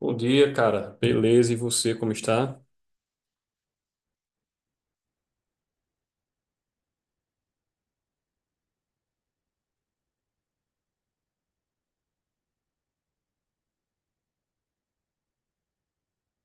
Bom dia, cara. Beleza, e você como está?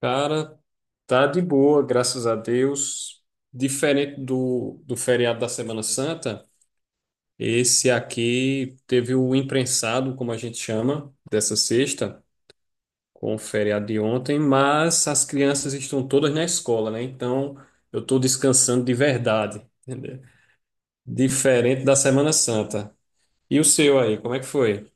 Cara, tá de boa, graças a Deus. Diferente do feriado da Semana Santa, esse aqui teve o imprensado, como a gente chama, dessa sexta, com o feriado de ontem, mas as crianças estão todas na escola, né? Então eu estou descansando de verdade, entendeu? Diferente da Semana Santa. E o seu aí, como é que foi?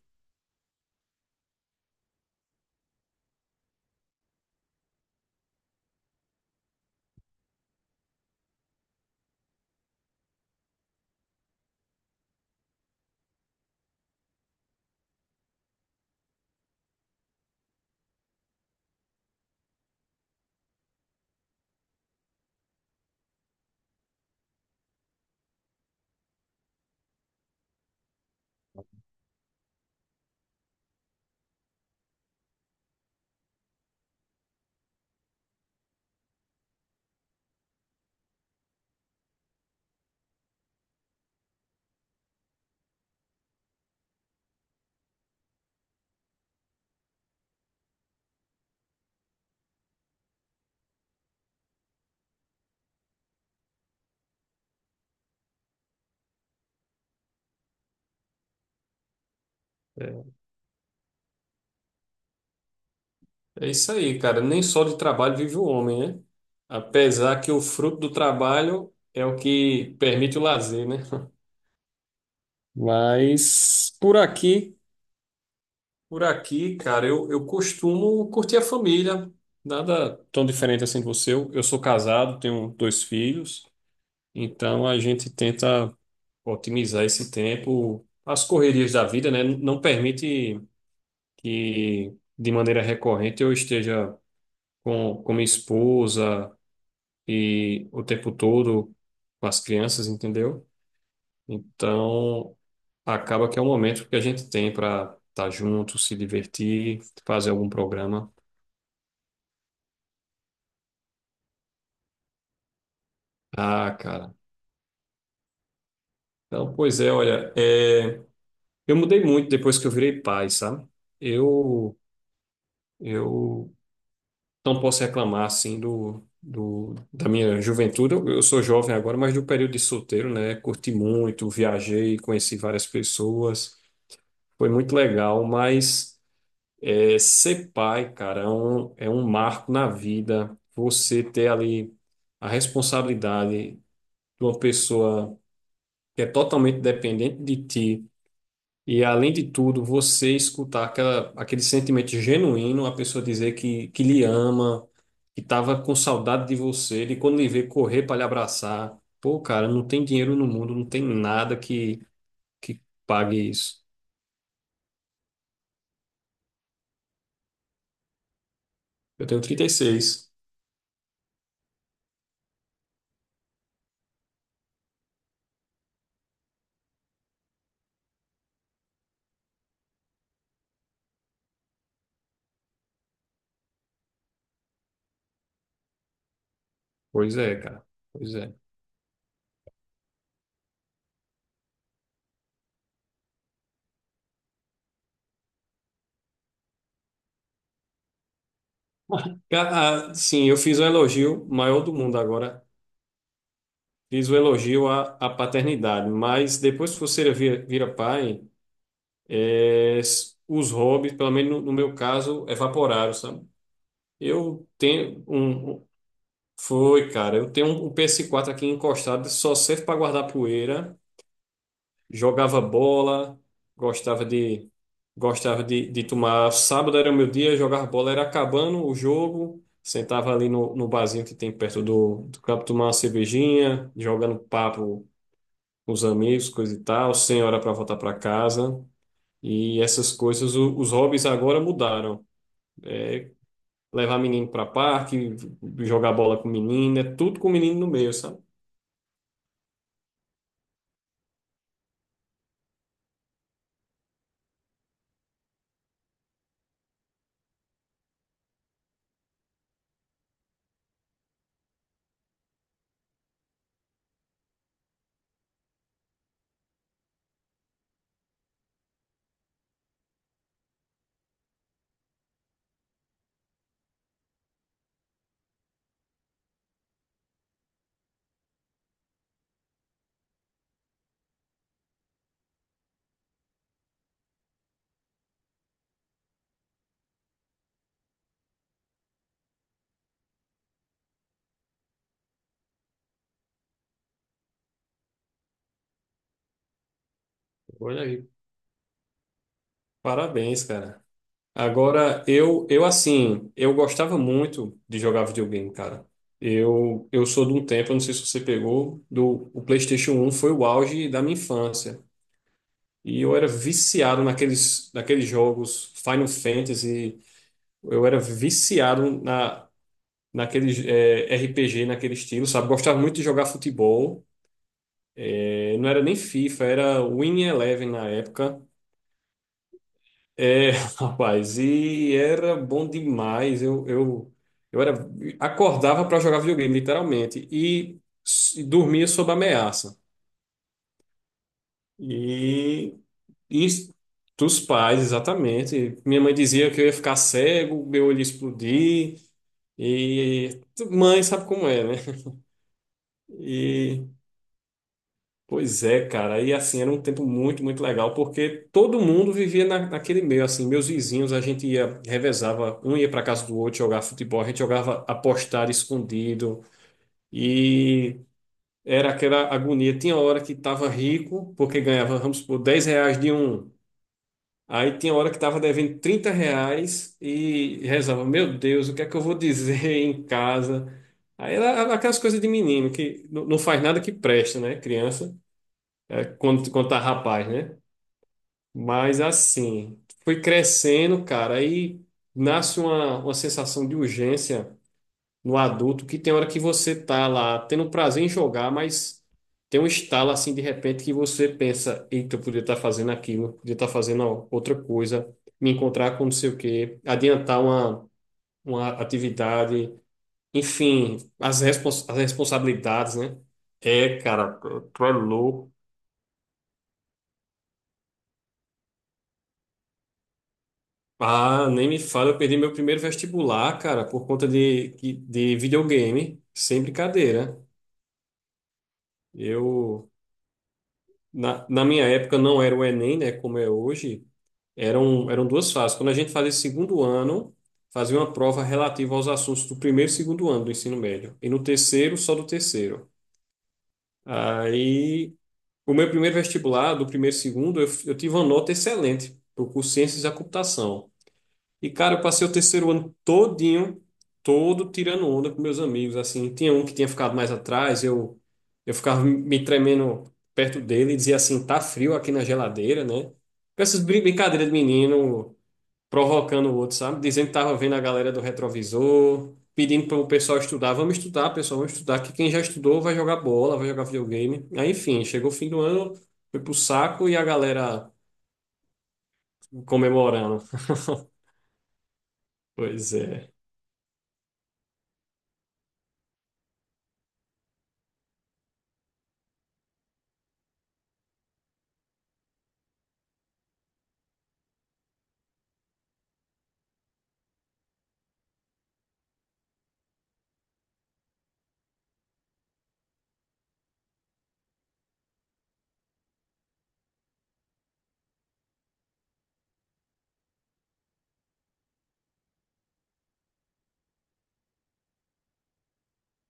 É isso aí, cara. Nem só de trabalho vive o homem, né? Apesar que o fruto do trabalho é o que permite o lazer, né? Mas por aqui, cara, eu costumo curtir a família. Nada tão diferente assim de você. Eu sou casado, tenho dois filhos, então a gente tenta otimizar esse tempo. As correrias da vida, né? Não permite que de maneira recorrente eu esteja com minha esposa e o tempo todo com as crianças, entendeu? Então, acaba que é um momento que a gente tem para estar junto, se divertir, fazer algum programa. Ah, cara. Então, pois é, olha, eu mudei muito depois que eu virei pai, sabe? Eu, eu não posso reclamar, assim, da minha juventude. Eu sou jovem agora, mas do período de solteiro, né? Curti muito, viajei, conheci várias pessoas. Foi muito legal, mas... É, ser pai, cara, é um marco na vida. Você ter ali a responsabilidade de uma pessoa que é totalmente dependente de ti. E, além de tudo, você escutar aquele sentimento genuíno, a pessoa dizer que lhe ama, que estava com saudade de você, e quando lhe vê correr para lhe abraçar. Pô, cara, não tem dinheiro no mundo, não tem nada que pague isso. Eu tenho 36. Pois é, cara. Pois é. Sim, eu fiz um elogio maior do mundo agora. Fiz o elogio à paternidade, mas depois que você vira pai, os hobbies, pelo menos no meu caso, evaporaram, sabe? Eu tenho um. Um- Foi, cara, eu tenho um ps quatro aqui encostado, só serve para guardar poeira. Jogava bola, gostava de gostava de tomar. Sábado era o meu dia, jogava bola, era acabando o jogo, sentava ali no barzinho que tem perto do campo, tomar uma cervejinha, jogando papo com os amigos, coisa e tal, sem hora para voltar para casa. E essas coisas, os hobbies agora mudaram. Levar menino para parque, jogar bola com menino, é tudo com menino no meio, sabe? Olha aí, parabéns, cara. Agora, eu assim, eu gostava muito de jogar videogame, cara. Eu sou de um tempo, eu não sei se você pegou, do o PlayStation um foi o auge da minha infância. E eu era viciado naqueles jogos Final Fantasy, eu era viciado naqueles RPG, naquele estilo, sabe? Gostava muito de jogar futebol. Não era nem FIFA, era Winning Eleven na época. É, rapaz, e era bom demais. Eu era, acordava para jogar videogame, literalmente, e dormia sob ameaça. E isso dos pais, exatamente. Minha mãe dizia que eu ia ficar cego, meu olho ia explodir. E mãe sabe como é, né? E pois é, cara. E assim, era um tempo muito, muito legal, porque todo mundo vivia naquele meio, assim, meus vizinhos, a gente ia, revezava, um ia para casa do outro jogar futebol, a gente jogava apostar escondido, e era aquela agonia. Tinha hora que tava rico, porque ganhava, vamos supor, 10 reais de um. Aí tinha hora que tava devendo 30 reais e rezava, meu Deus, o que é que eu vou dizer em casa? Aí era aquelas coisas de menino, que não não faz nada que presta, né, criança? É quando, quando tá rapaz, né? Mas assim, fui crescendo, cara, aí nasce uma sensação de urgência no adulto, que tem hora que você tá lá tendo prazer em jogar, mas tem um estalo assim de repente que você pensa, eita, eu podia estar fazendo aquilo, podia estar fazendo outra coisa, me encontrar com não sei o quê, adiantar uma atividade, enfim, as responsabilidades, né? É, cara, tu é louco. Ah, nem me fala, eu perdi meu primeiro vestibular, cara, por conta de videogame, sem brincadeira. Eu, na minha época, não era o Enem, né, como é hoje, eram duas fases. Quando a gente fazia segundo ano, fazia uma prova relativa aos assuntos do primeiro e segundo ano do ensino médio, e no terceiro, só do terceiro. Aí, o meu primeiro vestibular, do primeiro e segundo, eu tive uma nota excelente, para o curso Ciências da Computação. E, cara, eu passei o terceiro ano todinho, todo tirando onda com meus amigos, assim. Tinha um que tinha ficado mais atrás, eu ficava me tremendo perto dele e dizia assim, tá frio aqui na geladeira, né? Com essas brincadeiras de menino, provocando o outro, sabe? Dizendo que tava vendo a galera do retrovisor, pedindo para o pessoal estudar. Vamos estudar, pessoal, vamos estudar, que quem já estudou vai jogar bola, vai jogar videogame. Aí, enfim, chegou o fim do ano, foi pro saco e a galera comemorando. Pois é.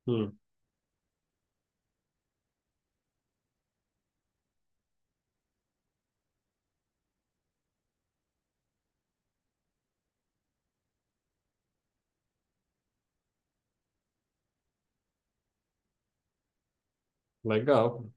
Hum, legal.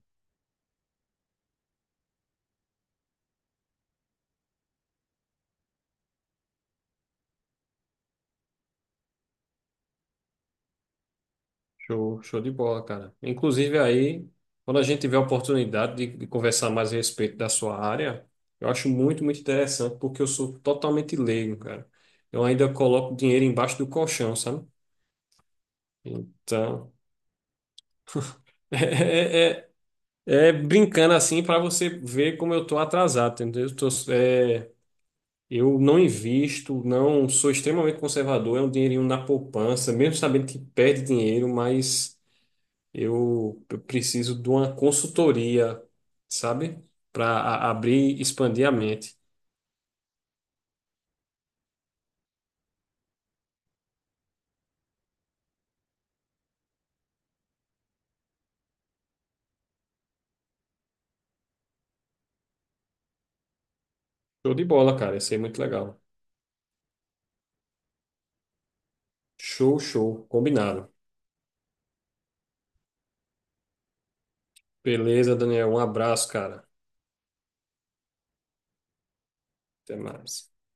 Show, show de bola, cara. Inclusive aí, quando a gente tiver a oportunidade de conversar mais a respeito da sua área, eu acho muito, muito interessante, porque eu sou totalmente leigo, cara. Eu ainda coloco dinheiro embaixo do colchão, sabe? Então, é, é, é brincando assim para você ver como eu tô atrasado, entendeu? Eu não invisto, não sou extremamente conservador, é um dinheirinho na poupança, mesmo sabendo que perde dinheiro, mas eu preciso de uma consultoria, sabe? Para abrir e expandir a mente. Show de bola, cara. Isso aí é muito legal. Show, show. Combinado. Beleza, Daniel. Um abraço, cara. Até mais.